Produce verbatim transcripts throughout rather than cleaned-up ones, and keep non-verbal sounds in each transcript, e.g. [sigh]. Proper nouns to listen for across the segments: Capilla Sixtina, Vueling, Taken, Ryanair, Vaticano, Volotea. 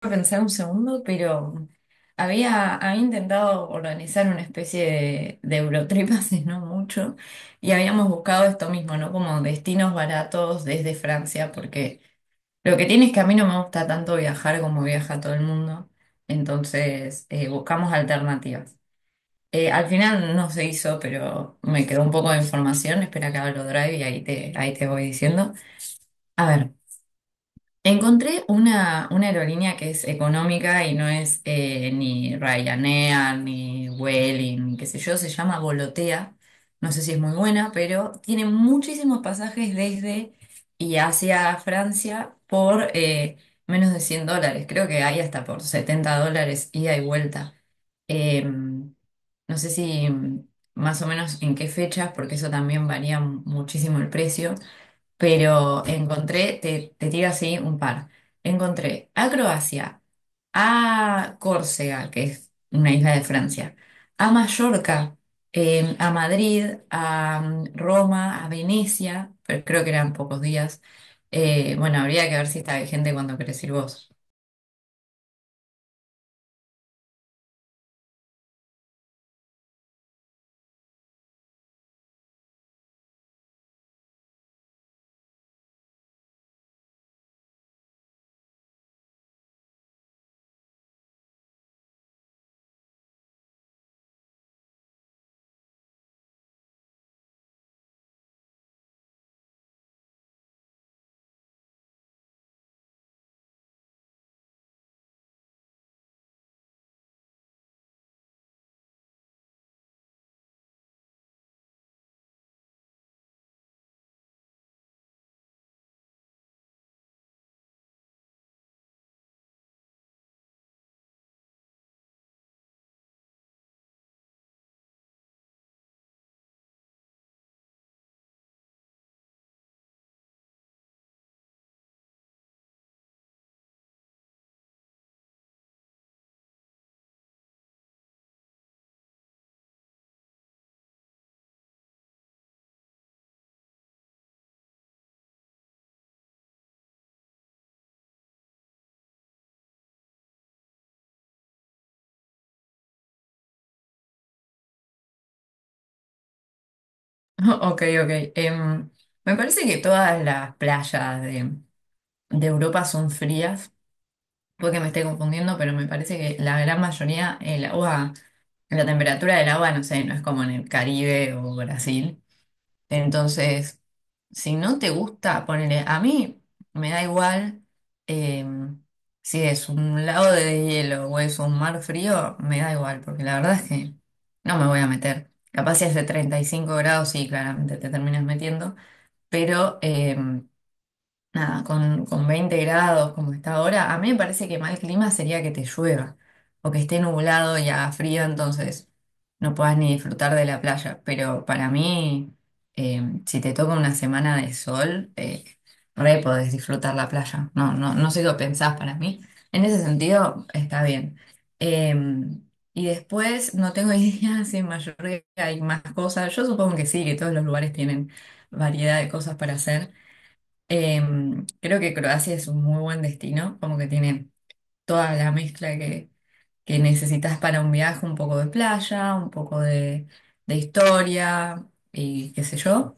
A pensar un segundo, pero había, había intentado organizar una especie de, de Eurotrip [laughs] hace no mucho y habíamos buscado esto mismo, ¿no? Como destinos baratos desde Francia, porque lo que tiene es que a mí no me gusta tanto viajar como viaja todo el mundo, entonces eh, buscamos alternativas. Eh, al final no se hizo, pero me quedó un poco de información, espera que abro Drive y ahí te, ahí te voy diciendo. A ver. Encontré una, una aerolínea que es económica y no es eh, ni Ryanair, ni Vueling, ni qué sé yo, se llama Volotea. No sé si es muy buena, pero tiene muchísimos pasajes desde y hacia Francia por eh, menos de cien dólares. Creo que hay hasta por setenta dólares ida y vuelta. Eh, no sé si mm, más o menos en qué fechas, porque eso también varía muchísimo el precio. Pero encontré, te, te tiro así un par. Encontré a Croacia, a Córcega, que es una isla de Francia, a Mallorca, eh, a Madrid, a mm, Roma, a Venecia, pero creo que eran pocos días. Eh, bueno, habría que ver si está vigente cuando querés ir vos. [laughs] Ok, ok. Em, me parece que todas las playas de, de Europa son frías. Puede que me esté confundiendo, pero me parece que la gran mayoría, el agua. La temperatura del agua, no sé, no es como en el Caribe o Brasil. Entonces, si no te gusta, ponele, a mí me da igual eh, si es un lago de hielo o es un mar frío, me da igual, porque la verdad es que no me voy a meter. Capaz si hace treinta y cinco grados, sí, claramente te terminas metiendo, pero em, nada, con, con veinte grados como está ahora, a mí me parece que mal clima sería que te llueva o que esté nublado y haga frío, entonces no puedas ni disfrutar de la playa. Pero para mí, eh, si te toca una semana de sol, eh, re podés disfrutar la playa. No, no, no sé qué pensás para mí. En ese sentido, está bien. Eh, y después, no tengo idea [laughs] si en Mallorca hay más cosas. Yo supongo que sí, que todos los lugares tienen variedad de cosas para hacer. Em, creo que Croacia es un muy buen destino, como que tiene toda la mezcla que, que necesitas para un viaje, un poco de playa, un poco de, de historia y qué sé yo.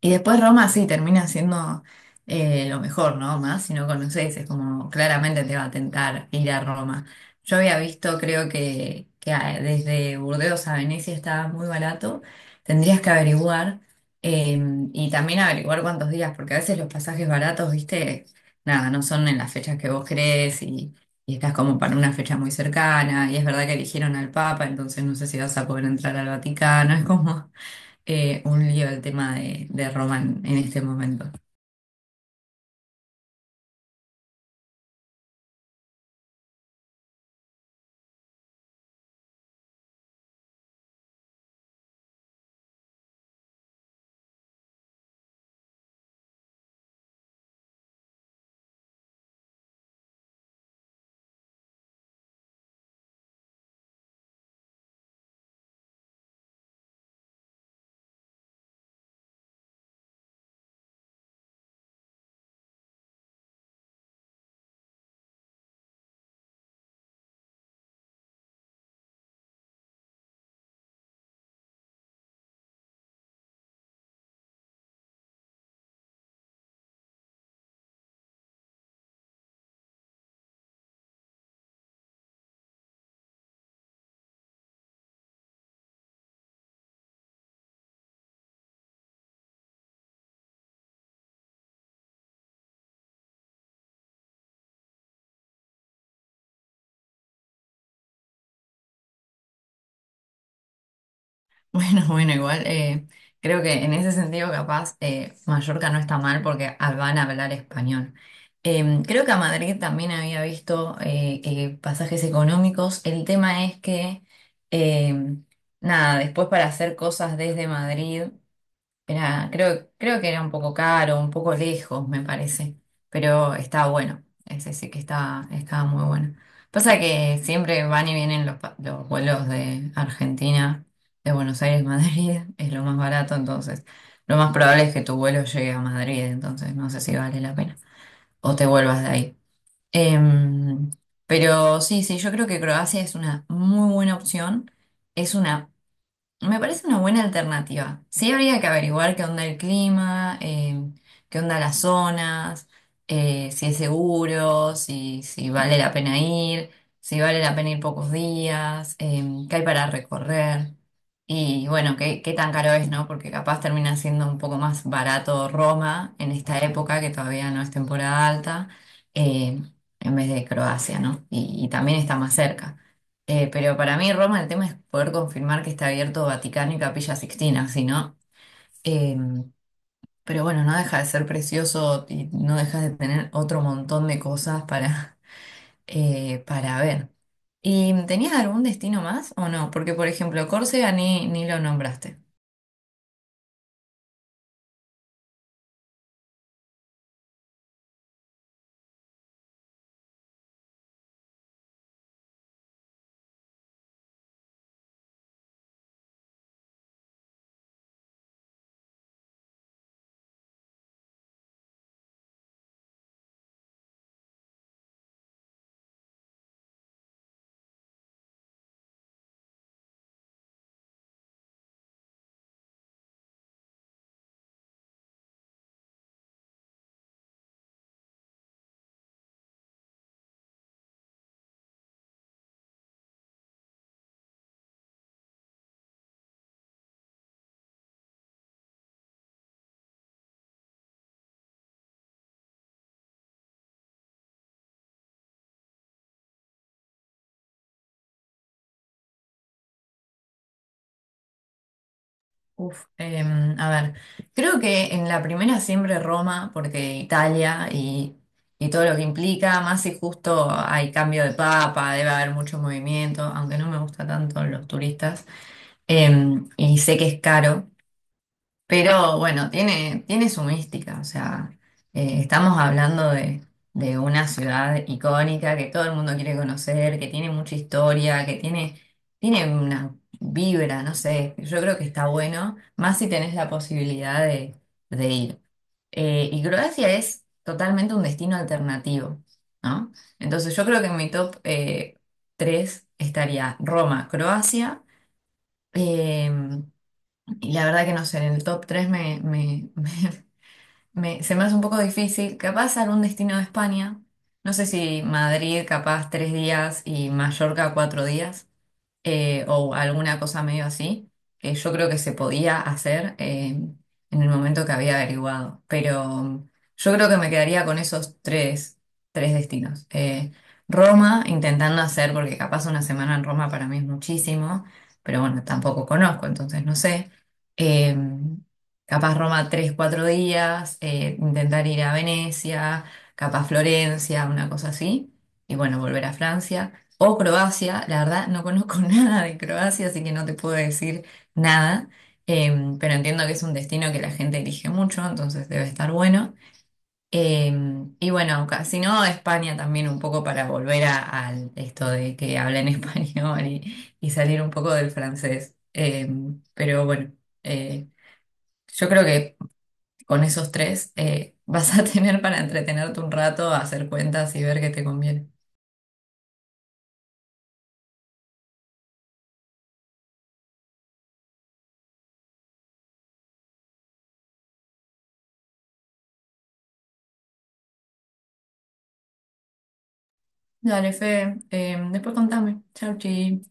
Y después Roma sí termina siendo eh, lo mejor, ¿no? Más si no conoces, es como claramente te va a tentar ir a Roma. Yo había visto, creo que, que a- desde Burdeos a Venecia estaba muy barato. Tendrías que averiguar eh, y también averiguar cuántos días, porque a veces los pasajes baratos, viste, nada, no son en las fechas que vos crees y, y estás como para una fecha muy cercana. Y es verdad que eligieron al Papa, entonces no sé si vas a poder entrar al Vaticano. [laughs] Es como eh, un lío el tema de, de Román en este momento. Bueno, [laughs] bueno, igual eh, creo que en ese sentido capaz eh, Mallorca no está mal porque ah, van a hablar español. Eh, creo que a Madrid también había visto eh, eh, pasajes económicos. El tema es que, eh, nada, después para hacer cosas desde Madrid era, creo, creo que era un poco caro, un poco lejos, me parece, pero estaba bueno, ese sí que estaba, estaba muy bueno. Pasa que siempre van y vienen los, pa- los vuelos de Argentina, de Buenos Aires, [laughs] Madrid, es lo más barato, entonces lo más probable es que tu vuelo llegue a Madrid, entonces no sé si vale la pena o te vuelvas de ahí. Em, pero sí, sí, yo creo que Croacia es una muy buena opción. Es una Me parece una buena alternativa. Sí, habría que averiguar qué onda el clima, eh, qué onda las zonas, eh, si es seguro, si, si vale la pena ir, si vale la pena ir pocos días, eh, qué hay para recorrer. Y bueno, qué, qué tan caro es, ¿no? Porque capaz termina siendo un poco más barato Roma en esta época, que todavía no es temporada alta, eh, en vez de Croacia, ¿no? Y y también está más cerca. Eh, pero para mí Roma el tema es poder confirmar que está abierto Vaticano y Capilla Sixtina, si no, eh, pero bueno, no deja de ser precioso y no deja de tener otro montón de cosas para, [laughs] eh, para ver. ¿Y tenías algún destino más o no? Porque por ejemplo, Córcega ni, ni lo nombraste. Uf, em, a ver, creo que en la primera siempre Roma, porque Italia y, y todo lo que implica, más si justo hay cambio de papa, debe haber mucho movimiento, aunque no me gusta tanto los turistas, em, y sé que es caro, pero bueno, tiene, tiene su mística, o sea, eh, estamos hablando de, de una ciudad icónica que todo el mundo quiere conocer, que tiene mucha historia, que tiene, tiene una vibra, no sé, yo creo que está bueno, más si tenés la posibilidad de, de ir. Eh, y Croacia es totalmente un destino alternativo, ¿no? Entonces yo creo que en mi top eh, tres estaría Roma, Croacia, em, y la verdad que no sé, en el top tres me, me- [laughs] me- me- se me hace un poco difícil. Capaz algún destino de España. No sé si Madrid, capaz tres días y Mallorca cuatro días eh, o alguna cosa medio así, que yo creo que se podía hacer eh, en el momento que había averiguado. Pero mm, yo creo que me quedaría con esos tres, tres destinos. Eh, Roma, intentando hacer, porque capaz una semana en Roma para mí es muchísimo, pero bueno, tampoco conozco, entonces no sé. Eh, Capaz Roma tres, cuatro días, eh, intentar ir a Venecia, capaz Florencia, una cosa así, y bueno, volver a Francia o Croacia. La verdad, no conozco [laughs] nada de Croacia, así que no te puedo decir nada. Em, pero entiendo que es un destino que la gente elige mucho, entonces debe estar bueno. Em, y bueno, ca- si no, España también un poco para volver a, al esto de que hablen [laughs] español y, y salir un poco del francés. Em, pero bueno, eh, yo creo que con esos tres eh, [laughs] vas a tener para entretenerte un rato, hacer cuentas y ver qué te conviene. Dale, Fe, em, después contame. Chau, chi.